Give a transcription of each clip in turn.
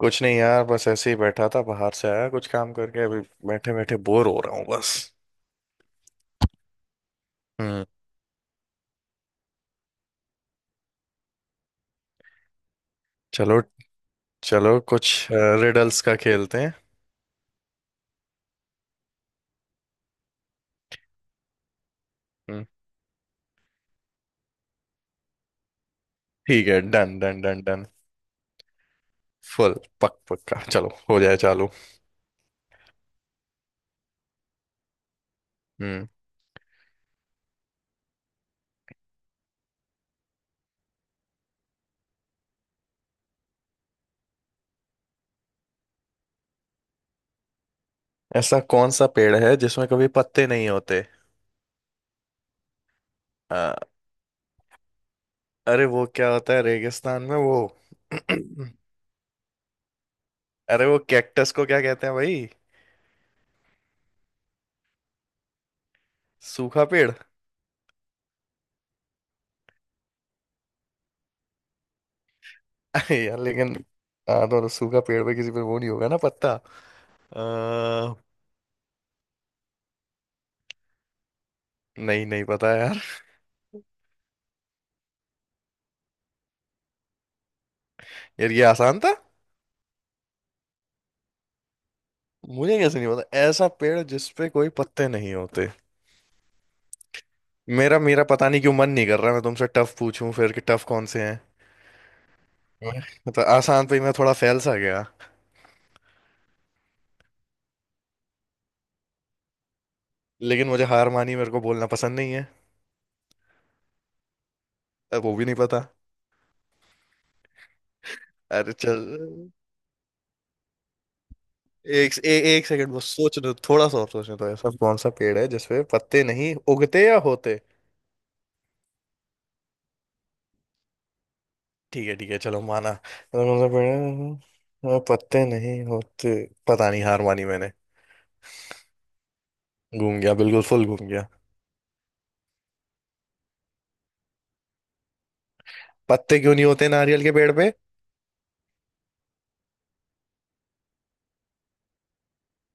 कुछ नहीं यार। बस ऐसे ही बैठा था। बाहर से आया कुछ काम करके अभी। बैठे बैठे बोर हो रहा हूँ बस। हम्म। चलो। चलो कुछ रिडल्स का खेलते हैं। हम्म। ठीक है। Done done done done. Full पक पक्का चलो हो जाए चालू। हम्म ऐसा कौन सा पेड़ है जिसमें कभी पत्ते नहीं होते? आ, अरे वो क्या होता है रेगिस्तान में वो। अरे वो कैक्टस को क्या कहते हैं भाई? सूखा पेड़। अरे यार लेकिन। हाँ तो सूखा पेड़ पे किसी पे वो नहीं होगा ना पत्ता। आ, नहीं नहीं पता यार। यार ये आसान था। मुझे कैसे नहीं पता ऐसा पेड़ जिस पे कोई पत्ते नहीं होते? मेरा मेरा पता नहीं क्यों मन नहीं कर रहा मैं तुमसे टफ पूछूं फिर कि टफ कौन से हैं। तो आसान पे ही मैं थोड़ा फैल सा गया। लेकिन मुझे हार मानी मेरे को बोलना पसंद नहीं है। अब वो भी नहीं पता। अरे चल। एक ए, एक सेकंड बस सोचने दो थोड़ा सा और सोचने दो। ऐसा कौन सा पेड़ है जिसपे पत्ते नहीं उगते या होते? ठीक है ठीक है। चलो माना ऐसा कौन सा पेड़ है जिसमें पत्ते नहीं होते। पता नहीं हार मानी मैंने। घूम गया बिल्कुल फुल घूम गया। पत्ते क्यों नहीं होते नारियल के पेड़ पे?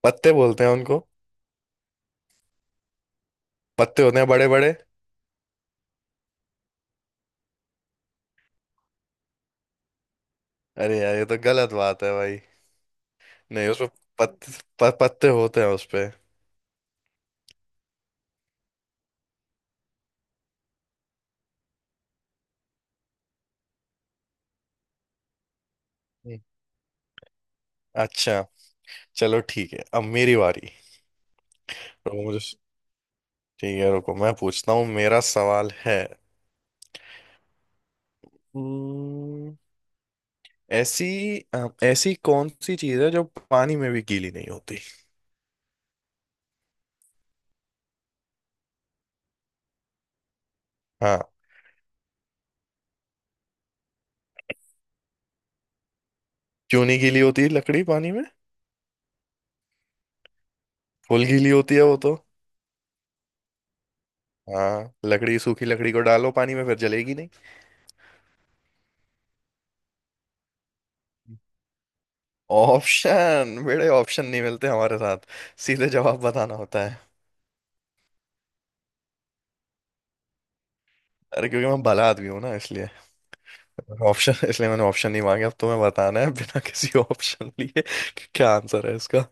पत्ते बोलते हैं उनको। पत्ते होते हैं बड़े बड़े। अरे यार ये तो गलत बात है भाई। नहीं उसमें पत, पत्ते होते हैं उसपे। हम्म। अच्छा। चलो ठीक है अब मेरी बारी। रुको मुझे। ठीक है रुको मैं पूछता हूँ मेरा सवाल है। हम्म, ऐसी ऐसी कौन सी चीज है जो पानी में भी गीली नहीं होती? हाँ। क्यों नहीं गीली होती लकड़ी पानी में? फुल गीली होती है वो तो। हाँ लकड़ी सूखी लकड़ी को डालो पानी में फिर जलेगी नहीं। ऑप्शन? बड़े ऑप्शन नहीं मिलते हमारे साथ। सीधे जवाब बताना होता है। अरे क्योंकि मैं भला आदमी हूँ ना इसलिए। ऑप्शन इसलिए मैंने ऑप्शन नहीं मांगे अब तुम्हें बताना है बिना किसी ऑप्शन लिए कि क्या आंसर है इसका।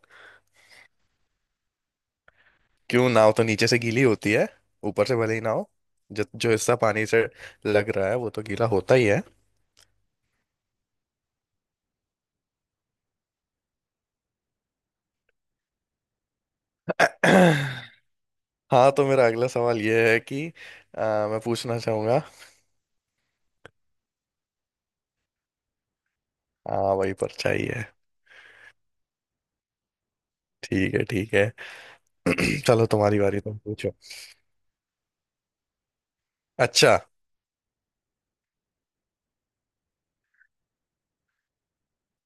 क्यों? नाव तो नीचे से गीली होती है। ऊपर से भले ही ना हो। जो जो हिस्सा पानी से लग रहा है वो तो गीला होता ही है। हाँ तो मेरा अगला सवाल ये है कि मैं पूछना चाहूंगा। हाँ वही परछाई है। ठीक है ठीक है। चलो तुम्हारी बारी तुम पूछो। अच्छा।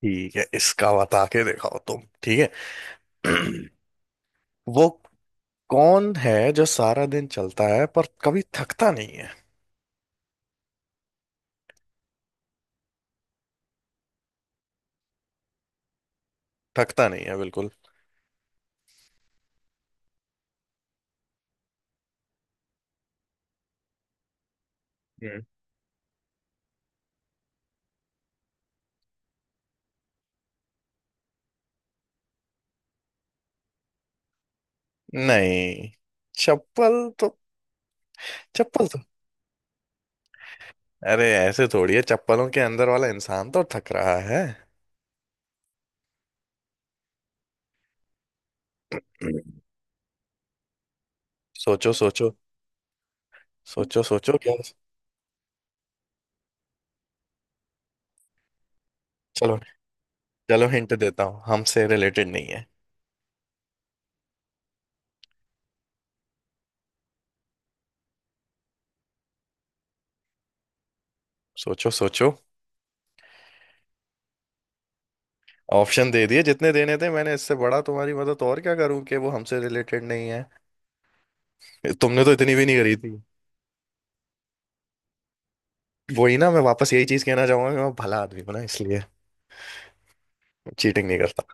ठीक है इसका बता के दिखाओ तुम ठीक है। वो कौन है जो सारा दिन चलता है पर कभी थकता नहीं है? थकता नहीं है बिल्कुल। हम्म। नहीं। चप्पल तो। चप्पल तो अरे ऐसे थोड़ी है। चप्पलों के अंदर वाला इंसान तो थक रहा है। हम्म। सोचो सोचो। सोचो सोचो क्या? चलो। चलो हिंट देता हूँ हमसे रिलेटेड नहीं है। सोचो सोचो। ऑप्शन दे दिए जितने देने थे मैंने। इससे बड़ा तुम्हारी मदद और क्या करूं कि वो हमसे रिलेटेड नहीं है। तुमने तो इतनी भी नहीं करी थी। वही ना मैं वापस यही चीज कहना चाहूंगा कि मैं भला आदमी हूं ना इसलिए चीटिंग नहीं करता।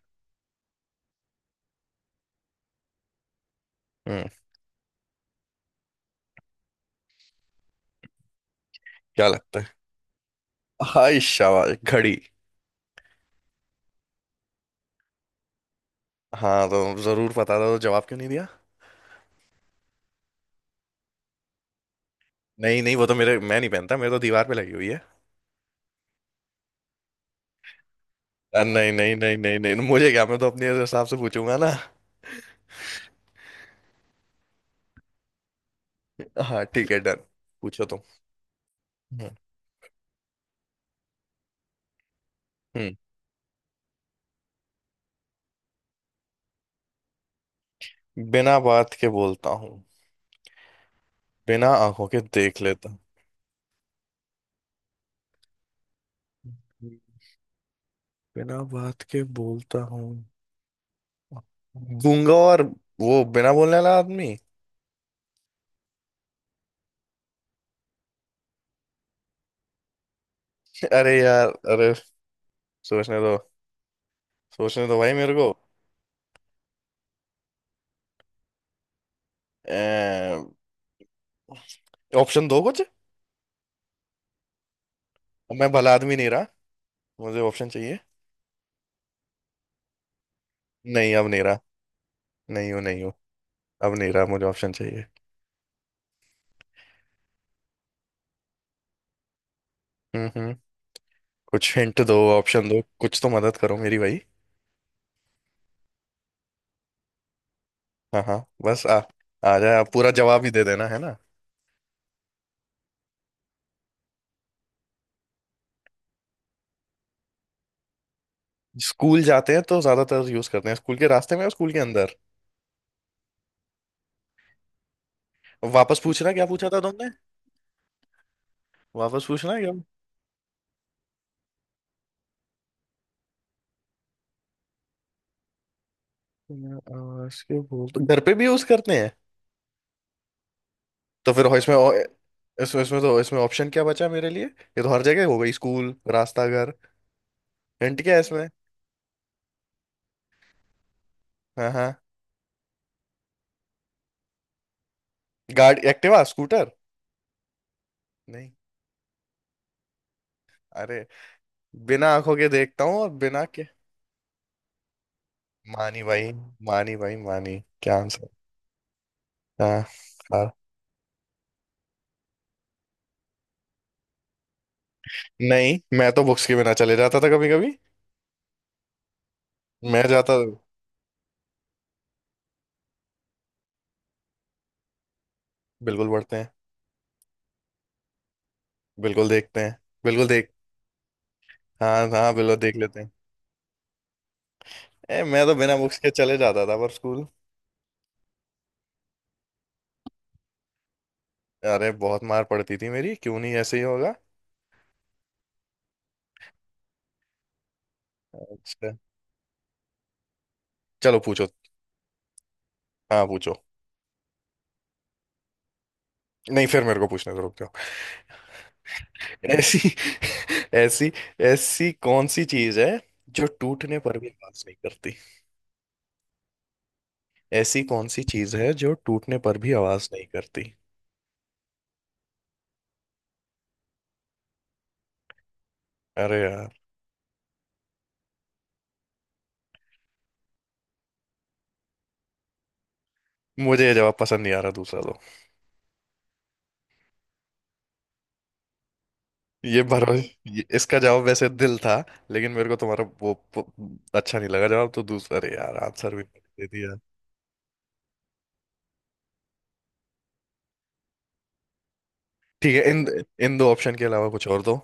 हम्म क्या लगता है? हाय शाबाश घड़ी। हाँ तो जरूर पता था तो जवाब क्यों नहीं दिया? नहीं नहीं वो तो मेरे मैं नहीं पहनता मेरे तो दीवार पे लगी हुई है। नहीं नहीं नहीं नहीं नहीं मुझे क्या मैं तो अपने हिसाब से पूछूंगा ना। हाँ ठीक है डन। पूछो तुम। हम्म। हम्म, बिना बात के बोलता हूँ। बिना आंखों के देख लेता हूँ। बिना बात के बोलता हूँ। गूंगा और वो बिना बोलने वाला आदमी। अरे यार। अरे सोचने दो। सोचने दो भाई मेरे को। ऑप्शन दो कुछ। मैं भला आदमी नहीं रहा। मुझे ऑप्शन चाहिए। नहीं अब नहीं रहा। नहीं हूँ नहीं हूँ। अब नहीं रहा मुझे ऑप्शन चाहिए। हम्म। कुछ हिंट दो ऑप्शन दो कुछ तो मदद करो मेरी भाई। हाँ हाँ। बस आ आ जाए आप पूरा जवाब ही दे देना है ना। स्कूल जाते हैं तो ज्यादातर यूज करते हैं स्कूल के रास्ते में और स्कूल के अंदर। वापस पूछना क्या पूछा था तुमने? वापस पूछना है क्या? आवाज के बोल तो घर पे भी यूज करते हैं। तो फिर इसमें इसमें इसमें तो इसमें ऑप्शन क्या बचा मेरे लिए? ये तो हर जगह हो गई स्कूल रास्ता घर। हिंट क्या है इसमें? हाँ हाँ। गाड़ी एक्टिवा स्कूटर। नहीं। अरे बिना आंखों के देखता हूँ और बिना के। मानी भाई। मानी भाई मानी क्या आंसर? हाँ हाँ। नहीं मैं तो बुक्स के बिना चले जाता था कभी कभी। मैं जाता। बिल्कुल पढ़ते हैं। बिल्कुल देखते हैं। बिल्कुल देख। हाँ हाँ बिल्कुल देख लेते हैं। मैं तो बिना बुक्स के चले जाता था पर स्कूल। अरे बहुत मार पड़ती थी मेरी क्यों नहीं ऐसे ही होगा। अच्छा। चलो पूछो। हाँ पूछो। नहीं फिर मेरे को पूछने से रुक जाओ। ऐसी ऐसी ऐसी कौन सी चीज है जो टूटने पर भी आवाज नहीं करती? ऐसी कौन सी चीज है जो टूटने पर भी आवाज नहीं करती? अरे यार मुझे ये जवाब पसंद नहीं आ रहा दूसरा दो। ये भरोसे इसका जवाब वैसे दिल था। लेकिन मेरे को तुम्हारा वो अच्छा नहीं लगा जवाब तो दूसरा अरे यार आंसर भी दे दिया। ठीक है इन इन दो ऑप्शन के अलावा कुछ और दो।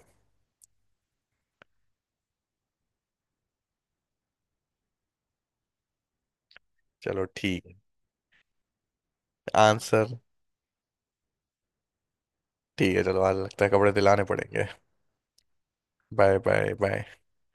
चलो ठीक है आंसर। ठीक है चलो आज लगता है कपड़े दिलाने पड़ेंगे। Bye bye bye.